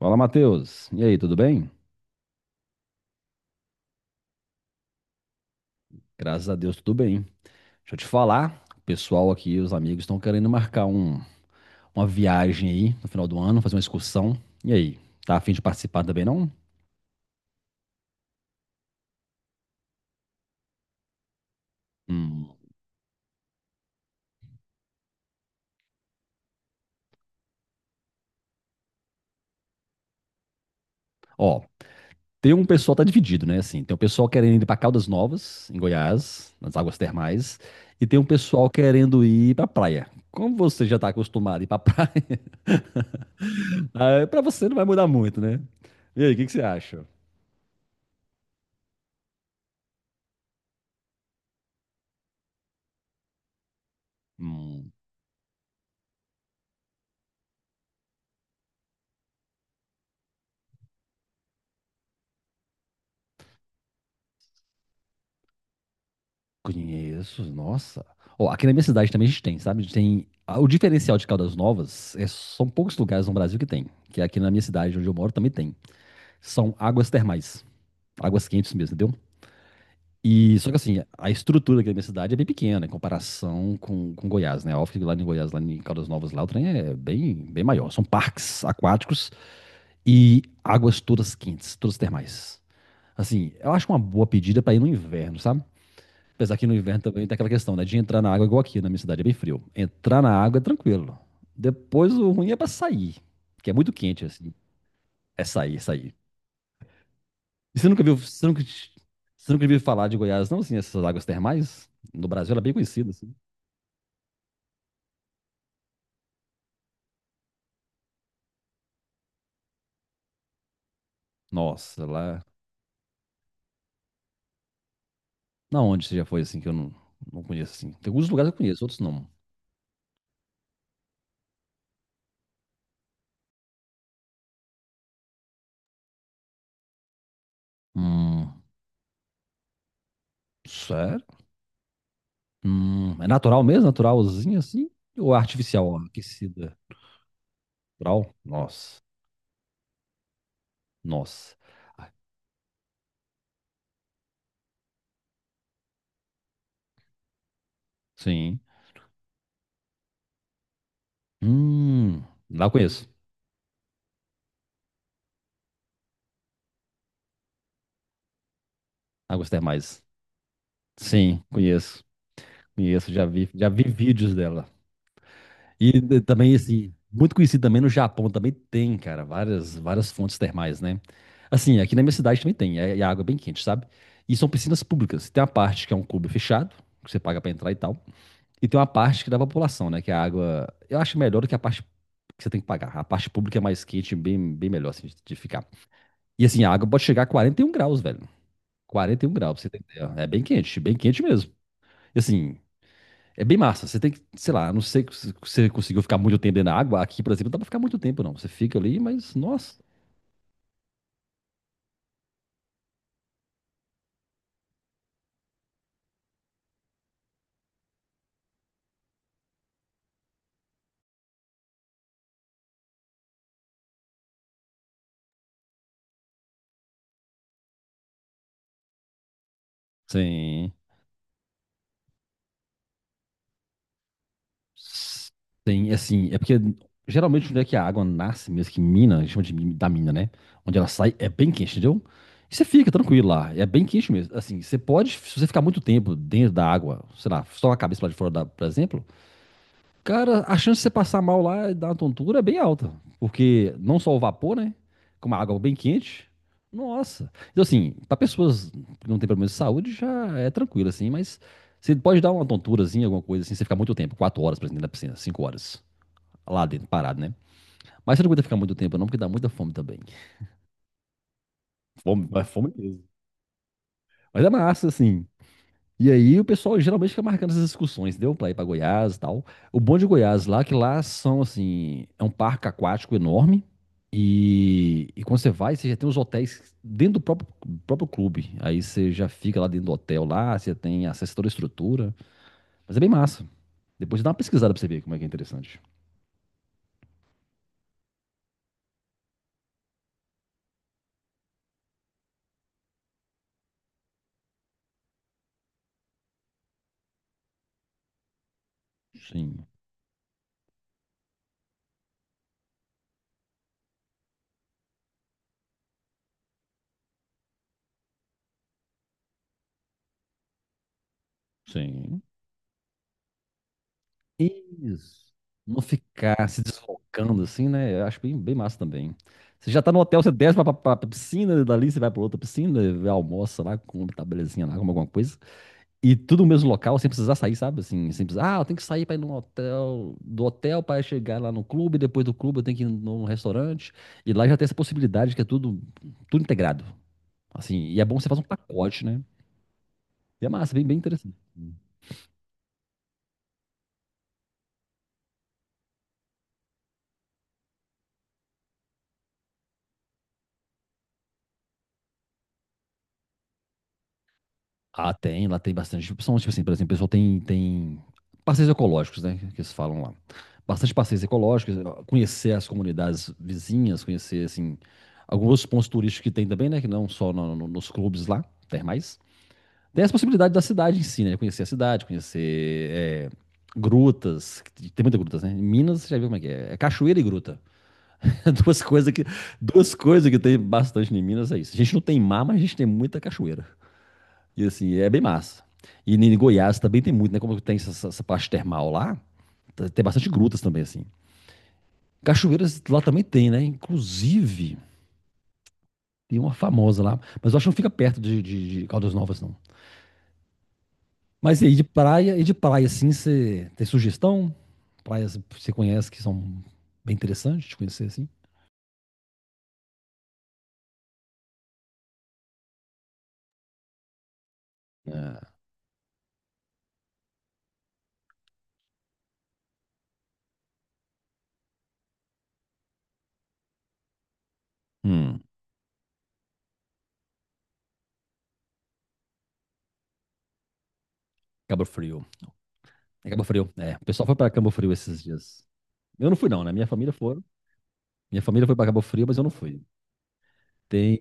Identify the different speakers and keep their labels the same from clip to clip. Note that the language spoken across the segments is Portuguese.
Speaker 1: Fala, Matheus. E aí, tudo bem? Graças a Deus, tudo bem. Deixa eu te falar, o pessoal aqui, os amigos, estão querendo marcar uma viagem aí no final do ano, fazer uma excursão. E aí, tá a fim de participar também, não? Hum. Ó, tem um pessoal, tá dividido, né? Assim, tem um pessoal querendo ir pra Caldas Novas, em Goiás, nas águas termais, e tem um pessoal querendo ir pra praia. Como você já tá acostumado a ir pra praia, ah, pra você não vai mudar muito, né? E aí, o que que você acha? Hum. Conheço, nossa. Ó, aqui na minha cidade também a gente tem, sabe? A gente tem. Ah, o diferencial de Caldas Novas são poucos lugares no Brasil que tem. Que é aqui na minha cidade, onde eu moro, também tem. São águas termais. Águas quentes mesmo, entendeu? E só que assim, a estrutura aqui da minha cidade é bem pequena em comparação com Goiás, né? Óbvio que lá em Goiás, lá em Caldas Novas, lá o trem é bem, bem maior. São parques aquáticos e águas todas quentes, todas termais. Assim, eu acho uma boa pedida pra ir no inverno, sabe? Apesar que no inverno também tem aquela questão, né? De entrar na água igual aqui, na minha cidade é bem frio. Entrar na água é tranquilo. Depois o ruim é pra sair, que é muito quente, assim. É sair, é sair. E você nunca viu, você nunca viu falar de Goiás, não, assim, essas águas termais? No Brasil ela é bem conhecida, assim. Nossa, lá. Na onde você já foi, assim, que eu não conheço, assim? Tem alguns lugares que eu conheço, outros não. Hum, sério? É natural mesmo? Naturalzinho, assim? Ou é artificial, ó, aquecida? Natural? Nossa, nossa. Ah, sim. Hum, lá eu conheço. A Gostei mais. Sim, conheço. Conheço, já vi vídeos dela. E também, assim, muito conhecido também no Japão, também tem, cara, várias, várias fontes termais, né? Assim, aqui na minha cidade também tem, é água é bem quente, sabe? E são piscinas públicas. Tem uma parte que é um clube fechado, que você paga pra entrar e tal. E tem uma parte que dá pra população, né? Que é a água. Eu acho melhor do que a parte que você tem que pagar. A parte pública é mais quente, bem, bem melhor, assim, de ficar. E assim, a água pode chegar a 41 graus, velho. 41 graus, pra você ter ideia. É bem quente mesmo. E assim, é bem massa. Você tem que, sei lá, não sei se você conseguiu ficar muito tempo dentro da água. Aqui, por exemplo, não dá pra ficar muito tempo, não. Você fica ali, mas, nossa. Sim. Sim, assim, é porque geralmente onde é que a água nasce mesmo, que mina, a gente chama de da mina, né? Onde ela sai, é bem quente, entendeu? E você fica tranquilo lá, é bem quente mesmo. Assim, você pode, se você ficar muito tempo dentro da água, sei lá, só a cabeça lá de fora, da, por exemplo, cara, a chance de você passar mal lá e dar uma tontura é bem alta. Porque não só o vapor, né? Com a água bem quente. Nossa. Então, assim, para pessoas que não têm problema de saúde, já é tranquilo, assim, mas você pode dar uma tonturazinha, alguma coisa assim, você ficar muito tempo, 4 horas, por exemplo, na piscina, 5 horas. Lá dentro, parado, né? Mas você não aguenta ficar muito tempo, não, porque dá muita fome também. Fome, mas fome mesmo. Mas é massa, assim. E aí o pessoal geralmente fica marcando essas excursões, deu pra ir pra Goiás e tal. O bom de Goiás lá, é que lá são assim, é um parque aquático enorme. E quando você vai, você já tem os hotéis dentro do próprio clube. Aí você já fica lá dentro do hotel lá, você tem acesso a toda a estrutura. Mas é bem massa. Depois você dá uma pesquisada pra você ver como é que é interessante. Sim, sim. Isso. Não ficar se deslocando assim, né? Eu acho bem, bem massa também. Você já tá no hotel, você desce pra piscina, dali você vai pra outra piscina, almoça lá, come, tá belezinha lá, come alguma coisa. E tudo no mesmo local, sem precisar sair, sabe? Assim, sem precisar, ah, eu tenho que sair pra ir num hotel, do hotel pra chegar lá no clube, depois do clube eu tenho que ir num restaurante. E lá já tem essa possibilidade que é tudo, tudo integrado. Assim, e é bom que você fazer um pacote, né? E é massa, bem, bem interessante. Ah, tem, lá tem bastante opção. Tipo assim, por exemplo, o pessoal tem passeios ecológicos, né? Que eles falam lá. Bastante passeios ecológicos, conhecer as comunidades vizinhas, conhecer, assim, alguns pontos turísticos que tem também, né? Que não só nos clubes lá, termais. Tem as possibilidades da cidade em si, né? Conhecer a cidade, conhecer grutas. Que Tem muitas grutas, né? Em Minas, você já viu como é que é? É cachoeira e gruta. Duas coisas que, duas coisas que tem bastante em Minas é isso. A gente não tem mar, mas a gente tem muita cachoeira. E assim, é bem massa. E em Goiás também tem muito, né? Como tem essa parte termal lá, tem bastante grutas também, assim. Cachoeiras lá também tem, né? Inclusive, tem uma famosa lá, mas eu acho que não fica perto de Caldas Novas, não. Mas e aí, de praia, assim, você tem sugestão? Praias que você conhece que são bem interessantes de conhecer, assim? É. Hum, Cabo Frio. É Cabo Frio, é. O pessoal foi pra Cabo Frio esses dias. Eu não fui, não, né? Minha família foi. Minha família foi pra Cabo Frio, mas eu não fui. Tem.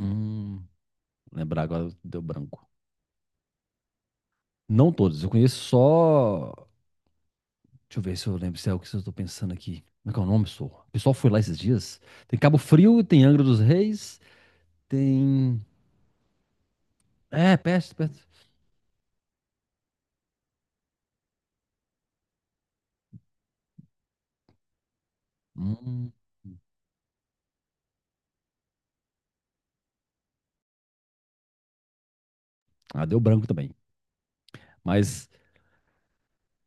Speaker 1: Hum, lembrar agora deu branco. Não todos, eu conheço só. Deixa eu ver se eu lembro se é o que eu tô pensando aqui. Como é que é o nome, sou? O pessoal foi lá esses dias. Tem Cabo Frio, tem Angra dos Reis, tem. É, perto, perto. Hum, ah, deu branco também. Mas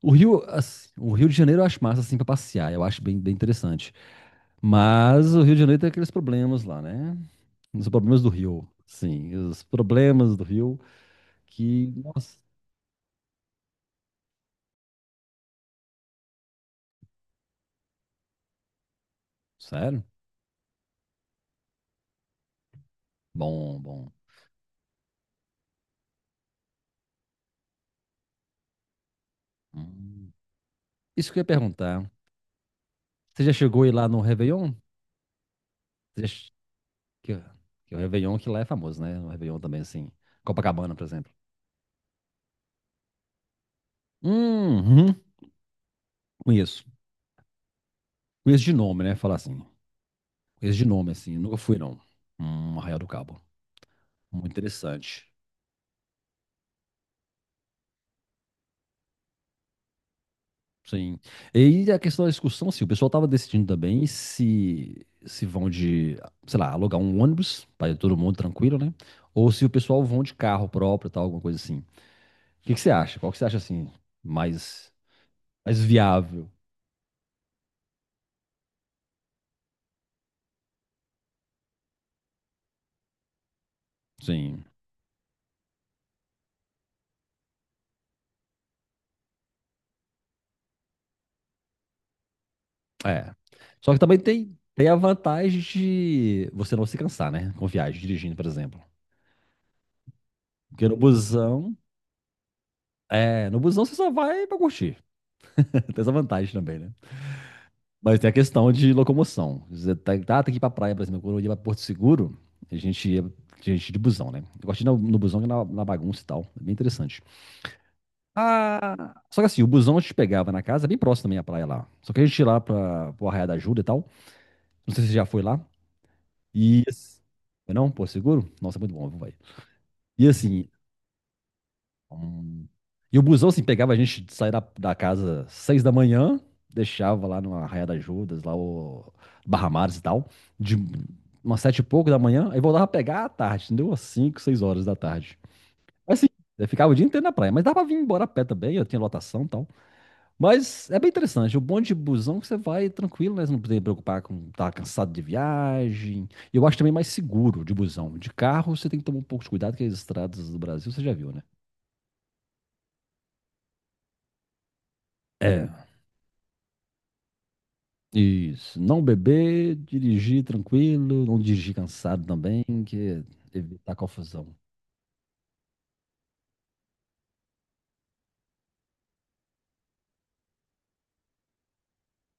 Speaker 1: o Rio, assim, o Rio de Janeiro eu acho massa assim pra passear. Eu acho bem, bem interessante. Mas o Rio de Janeiro tem aqueles problemas lá, né? Os problemas do Rio. Sim, os problemas do Rio que. Nossa, sério? Bom, bom. Hum. Isso que eu ia perguntar. Você já chegou aí lá no Réveillon? Você já che- Que, que o Réveillon que lá é famoso, né? O Réveillon também, assim. Copacabana, por exemplo. Hum, hum, conheço. Conheço de nome, né? Falar assim. Conheço de nome, assim. Nunca fui, não. Arraial do Cabo. Muito interessante. Sim. E a questão da excursão, sim, o pessoal tava decidindo também se vão de, sei lá, alugar um ônibus para todo mundo tranquilo, né? Ou se o pessoal vão de carro próprio, tal, alguma coisa assim. O que que você acha? Qual que você acha assim mais mais viável? Sim. É. Só que também tem a vantagem de você não se cansar, né? Com viagem, dirigindo, por exemplo. Porque no busão, é, no busão você só vai pra curtir. Tem essa vantagem também, né? Mas tem a questão de locomoção. Você tem que ir pra praia, por exemplo. Quando eu ia pra Porto Seguro, a gente ia de busão, né? Eu gosto de ir no busão, que é na bagunça e tal. É bem interessante. Ah, só que assim, o busão a gente pegava na casa, é bem próximo também à praia lá. Só que a gente ia lá pro Arraial da Ajuda e tal. Não sei se você já foi lá. E. assim, Não? Porto Seguro? Nossa, é muito bom, vai. E assim, Hum. E o busão, assim, pegava a gente de sair da casa 6 da manhã, deixava lá no Arraial das Judas, lá o Barra Mares e tal, de umas 7 e pouco da manhã, aí voltava a pegar à tarde, entendeu? Às 5, 6 horas da tarde. Mas, assim, eu ficava o dia inteiro na praia, mas dava pra vir embora a pé também, eu tinha lotação e tal. Mas é bem interessante, o bonde de busão é que você vai tranquilo, né? Você não precisa se preocupar com estar cansado de viagem. E eu acho também mais seguro de busão. De carro, você tem que tomar um pouco de cuidado, que as estradas do Brasil, você já viu, né? É, isso. Não beber, dirigir tranquilo, não dirigir cansado também, que é evitar confusão.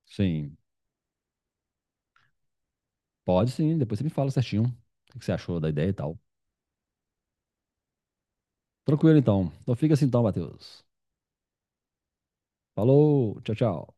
Speaker 1: Sim, pode sim, depois você me fala certinho o que que você achou da ideia e tal. Tranquilo então. Então fica assim então, Matheus. Falou, tchau, tchau.